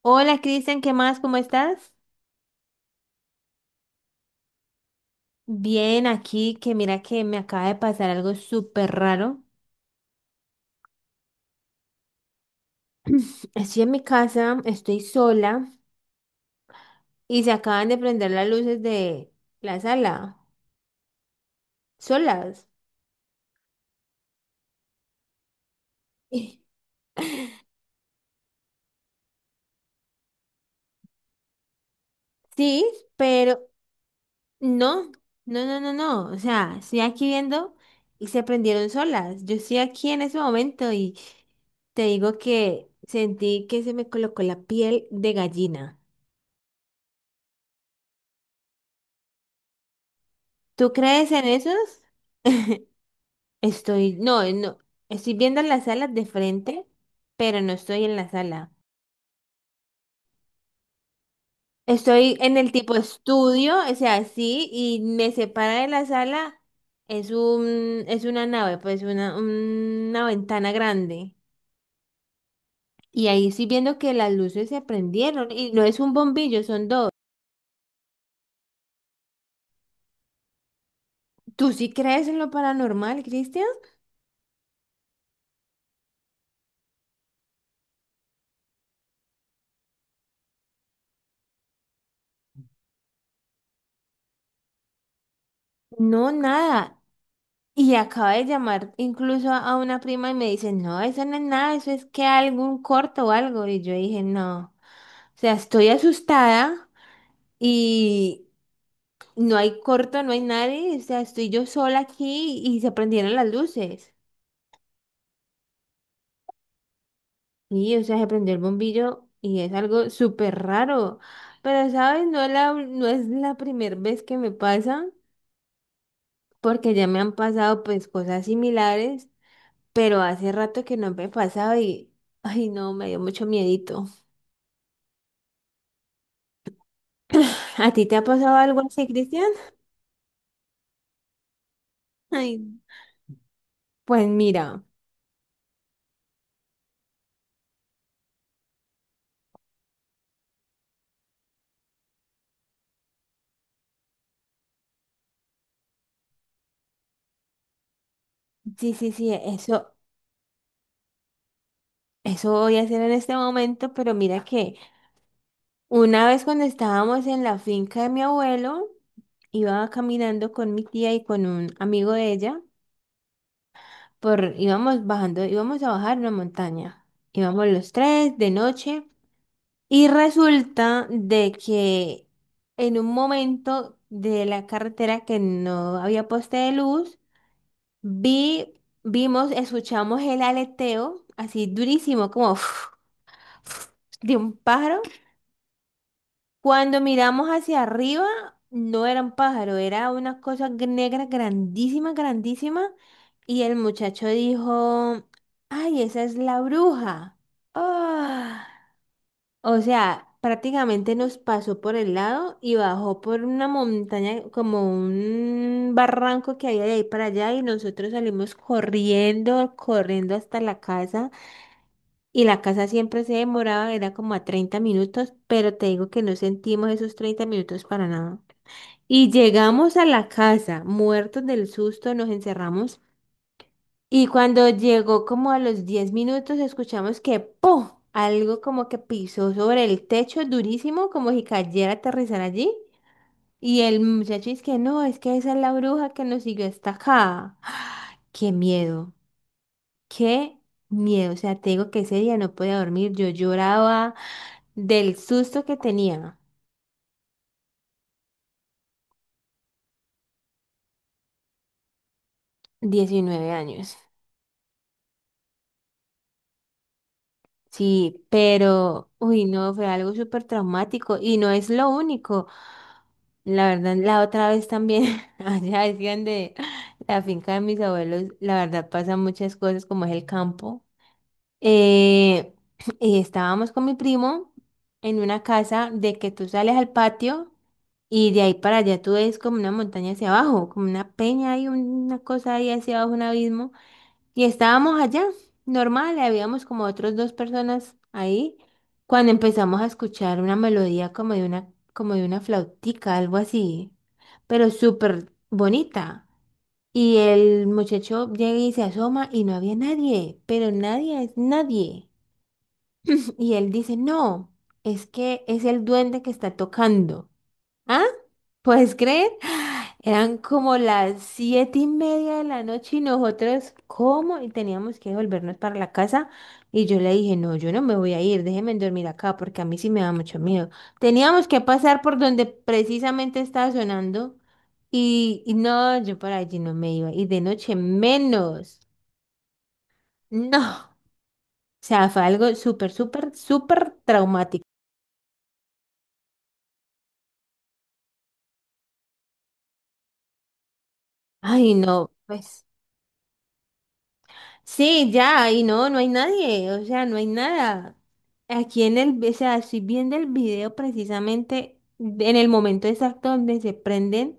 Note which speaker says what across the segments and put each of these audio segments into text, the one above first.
Speaker 1: Hola Cristian, ¿qué más? ¿Cómo estás? Bien, aquí que mira que me acaba de pasar algo súper raro. Estoy en mi casa, estoy sola y se acaban de prender las luces de la sala, solas. Y- Sí, pero no, no, no, no, no. O sea, estoy aquí viendo y se prendieron solas. Yo estoy aquí en ese momento y te digo que sentí que se me colocó la piel de gallina. ¿Tú crees en esos? Estoy, no, no, estoy viendo las salas de frente, pero no estoy en la sala. Estoy en el tipo estudio, o sea, sí, y me separa de la sala, es una nave, pues una ventana grande. Y ahí estoy viendo que las luces se prendieron, y no es un bombillo, son dos. ¿Tú sí crees en lo paranormal, Cristian? No, nada. Y acabo de llamar incluso a una prima y me dice, no, eso no es nada, eso es que algún corto o algo. Y yo dije, no, o sea, estoy asustada y no hay corto, no hay nadie, o sea, estoy yo sola aquí y se prendieron las luces. Y, o sea, se prendió el bombillo y es algo súper raro. Pero, ¿sabes? No, no es la primera vez que me pasa, porque ya me han pasado pues cosas similares. Pero hace rato que no me pasaba y, ay no, me dio mucho miedito. ¿A ti te ha pasado algo así, Cristian? Ay, pues mira, sí, sí, sí, eso voy a hacer en este momento, pero mira que una vez cuando estábamos en la finca de mi abuelo, iba caminando con mi tía y con un amigo de ella, por, íbamos bajando, íbamos a bajar una montaña. Íbamos los tres de noche. Y resulta de que en un momento de la carretera que no había poste de luz, vi, vimos, escuchamos el aleteo así durísimo, como de un pájaro. Cuando miramos hacia arriba, no era un pájaro, era una cosa negra grandísima, grandísima. Y el muchacho dijo, ay, esa es la bruja. Ah, o sea, prácticamente nos pasó por el lado y bajó por una montaña, como un barranco que había de ahí para allá y nosotros salimos corriendo, corriendo hasta la casa y la casa siempre se demoraba, era como a 30 minutos, pero te digo que no sentimos esos 30 minutos para nada. Y llegamos a la casa, muertos del susto, nos encerramos y cuando llegó como a los 10 minutos, escuchamos que ¡pum! Algo como que pisó sobre el techo durísimo, como si cayera a aterrizar allí. Y el muchacho dice que no, es que esa es la bruja que nos siguió hasta acá. ¡Qué miedo! ¡Qué miedo! O sea, te digo que ese día no podía dormir. Yo lloraba del susto que tenía. 19 años. Sí, pero, uy, no, fue algo súper traumático y no es lo único. La verdad, la otra vez también, allá decían de la finca de mis abuelos, la verdad pasan muchas cosas como es el campo. Eh, y estábamos con mi primo en una casa de que tú sales al patio y de ahí para allá tú ves como una montaña hacia abajo, como una peña y una cosa ahí hacia abajo, un abismo. Y estábamos allá, normal, habíamos como otros dos personas ahí, cuando empezamos a escuchar una melodía como de una flautica, algo así, pero súper bonita. Y el muchacho llega y se asoma y no había nadie, pero nadie es nadie. Y él dice, no, es que es el duende que está tocando. ¿Ah? ¿Puedes creer? Eran como las 7:30 de la noche y nosotros, ¿cómo? Y teníamos que volvernos para la casa. Y yo le dije, no, yo no me voy a ir, déjenme dormir acá porque a mí sí me da mucho miedo. Teníamos que pasar por donde precisamente estaba sonando y no, yo por allí no me iba. Y de noche menos. No. O sea, fue algo súper, súper, súper traumático. Ay, no, pues. Sí, ya, y no, no hay nadie, o sea, no hay nada. Aquí en el, o sea, estoy viendo el video precisamente en el momento exacto donde se prenden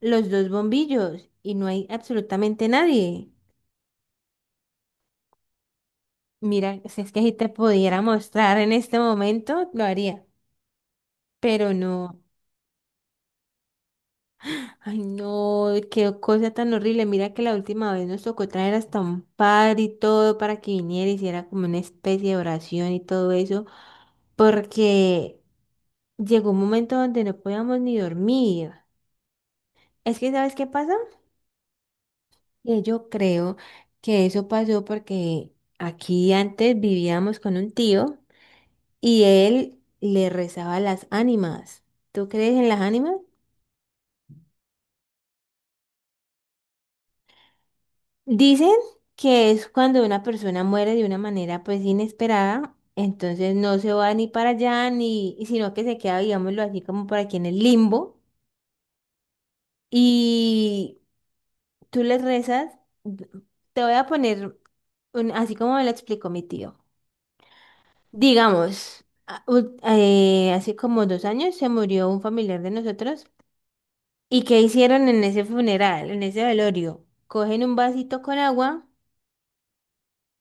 Speaker 1: los dos bombillos y no hay absolutamente nadie. Mira, si es que si te pudiera mostrar en este momento, lo haría, pero no. Ay, no, qué cosa tan horrible. Mira que la última vez nos tocó traer hasta un padre y todo para que viniera y hiciera como una especie de oración y todo eso, porque... Llegó un momento donde no podíamos ni dormir. Es que, ¿sabes qué pasa? Que yo creo que eso pasó porque aquí antes vivíamos con un tío y él le rezaba a las ánimas. ¿Tú crees en las ánimas? Dicen que es cuando una persona muere de una manera pues inesperada, entonces no se va ni para allá ni, y sino que se queda, digámoslo así, como por aquí en el limbo. Y tú les rezas, te voy a poner así como me lo explicó mi tío. Digamos, hace como 2 años se murió un familiar de nosotros. ¿Y qué hicieron en ese funeral, en ese velorio? Cogen un vasito con agua,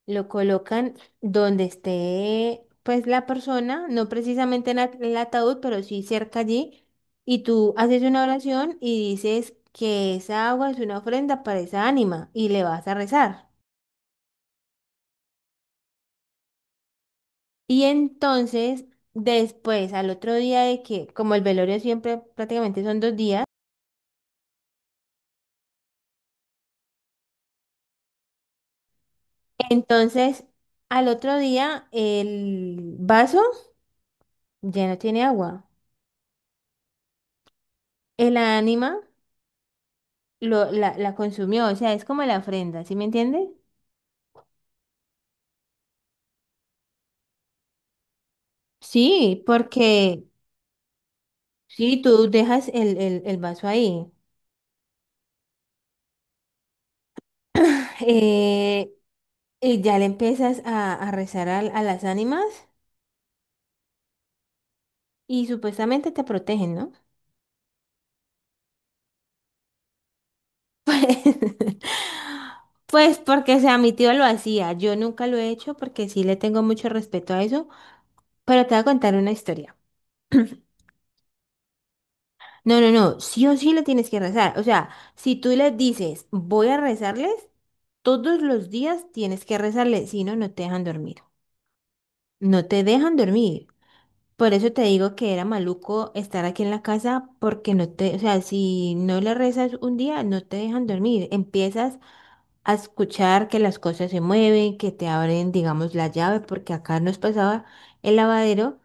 Speaker 1: lo colocan donde esté pues la persona, no precisamente en en el ataúd, pero sí cerca allí, y tú haces una oración y dices que esa agua es una ofrenda para esa ánima y le vas a rezar. Y entonces, después, al otro día de que, como el velorio siempre prácticamente son 2 días, entonces al otro día el vaso ya no tiene agua. El ánima lo, la consumió, o sea, es como la ofrenda, ¿sí me entiendes? Sí, porque si tú dejas el vaso ahí, eh, y ya le empiezas a rezar a las ánimas y supuestamente te protegen, ¿no? Pues, pues porque, o sea, mi tío lo hacía. Yo nunca lo he hecho porque sí le tengo mucho respeto a eso, pero te voy a contar una historia. No, no, no, sí o sí le tienes que rezar. O sea, si tú les dices, voy a rezarles, todos los días tienes que rezarles, si no, no te dejan dormir. No te dejan dormir. Por eso te digo que era maluco estar aquí en la casa porque no te, o sea, si no le rezas un día, no te dejan dormir. Empiezas a escuchar que las cosas se mueven, que te abren, digamos, la llave, porque acá nos pasaba el lavadero,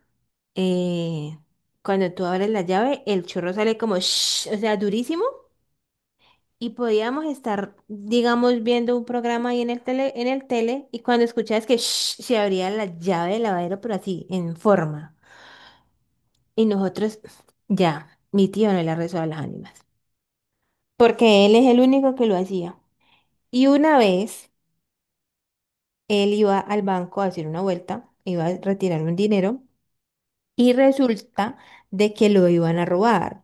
Speaker 1: eh, cuando tú abres la llave, el chorro sale como, shhh, o sea, durísimo, y podíamos estar, digamos, viendo un programa ahí en el tele, y cuando escuchabas que shhh, se abría la llave del lavadero, pero así, en forma, y nosotros, ya, mi tío no le rezó a las ánimas, porque él es el único que lo hacía. Y una vez... Él iba al banco a hacer una vuelta, iba a retirar un dinero y resulta de que lo iban a robar.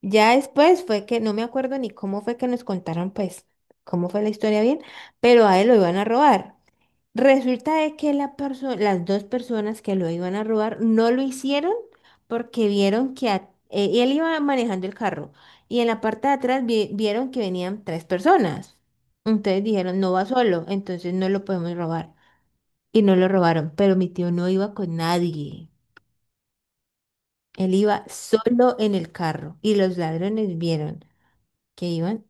Speaker 1: Ya después fue que, no me acuerdo ni cómo fue que nos contaron, pues, cómo fue la historia bien, pero a él lo iban a robar. Resulta de que la las dos personas que lo iban a robar no lo hicieron porque vieron que él iba manejando el carro y en la parte de atrás vieron que venían tres personas. Entonces dijeron, no va solo, entonces no lo podemos robar y no lo robaron, pero mi tío no iba con nadie. Él iba solo en el carro y los ladrones vieron que iban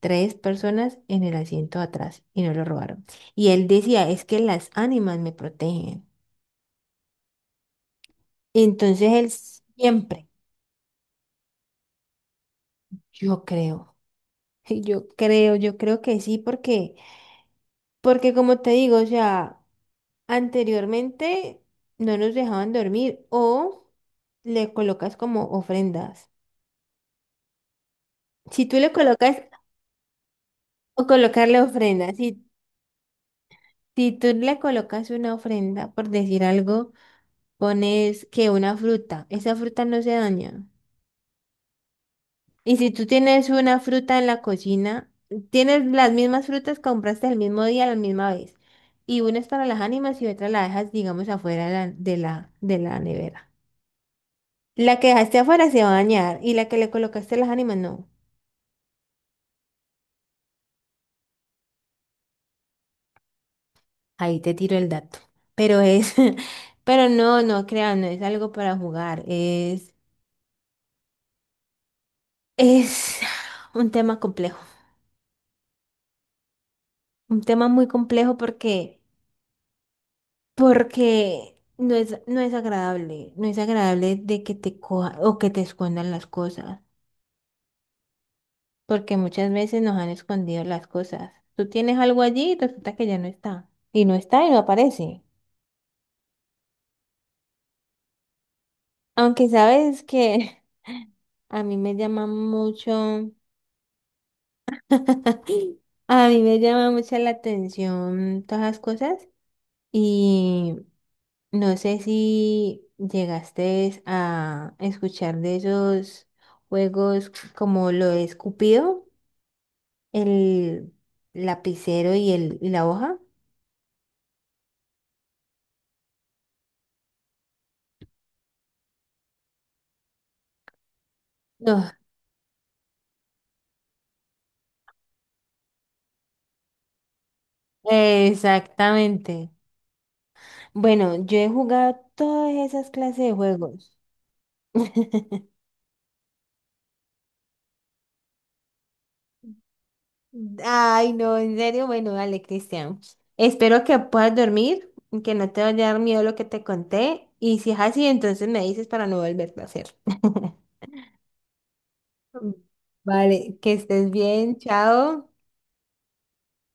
Speaker 1: tres personas en el asiento atrás y no lo robaron. Y él decía, es que las ánimas me protegen. Entonces él siempre, yo creo, yo creo que sí, porque, porque como te digo, o sea, anteriormente no nos dejaban dormir o le colocas como ofrendas. Si tú le colocas O colocarle ofrenda. Si, si tú le colocas una ofrenda, por decir algo, pones que una fruta. Esa fruta no se daña. Y si tú tienes una fruta en la cocina, tienes las mismas frutas que compraste el mismo día, la misma vez. Y una es para las ánimas y otra la dejas, digamos, afuera de la nevera. La que dejaste afuera se va a dañar y la que le colocaste a las ánimas no. Ahí te tiro el dato. Pero es, pero no, no crean, no es algo para jugar. Es un tema complejo, un tema muy complejo porque, porque no es, no es agradable, no es agradable de que te coja o que te escondan las cosas, porque muchas veces nos han escondido las cosas. Tú tienes algo allí y resulta que ya no está, y no está y no aparece. Aunque sabes que a mí me llama mucho, a mí me llama mucho la atención todas las cosas. Y no sé si llegaste a escuchar de esos juegos como lo es Cupido, el lapicero y, el, y la hoja. No, exactamente. Bueno, yo he jugado todas esas clases de juegos. Ay, no, en serio, bueno, dale, Cristian. Espero que puedas dormir, y que no te vaya a dar miedo lo que te conté. Y si es así, entonces me dices para no volverlo a hacer. Vale, que estés bien, chao.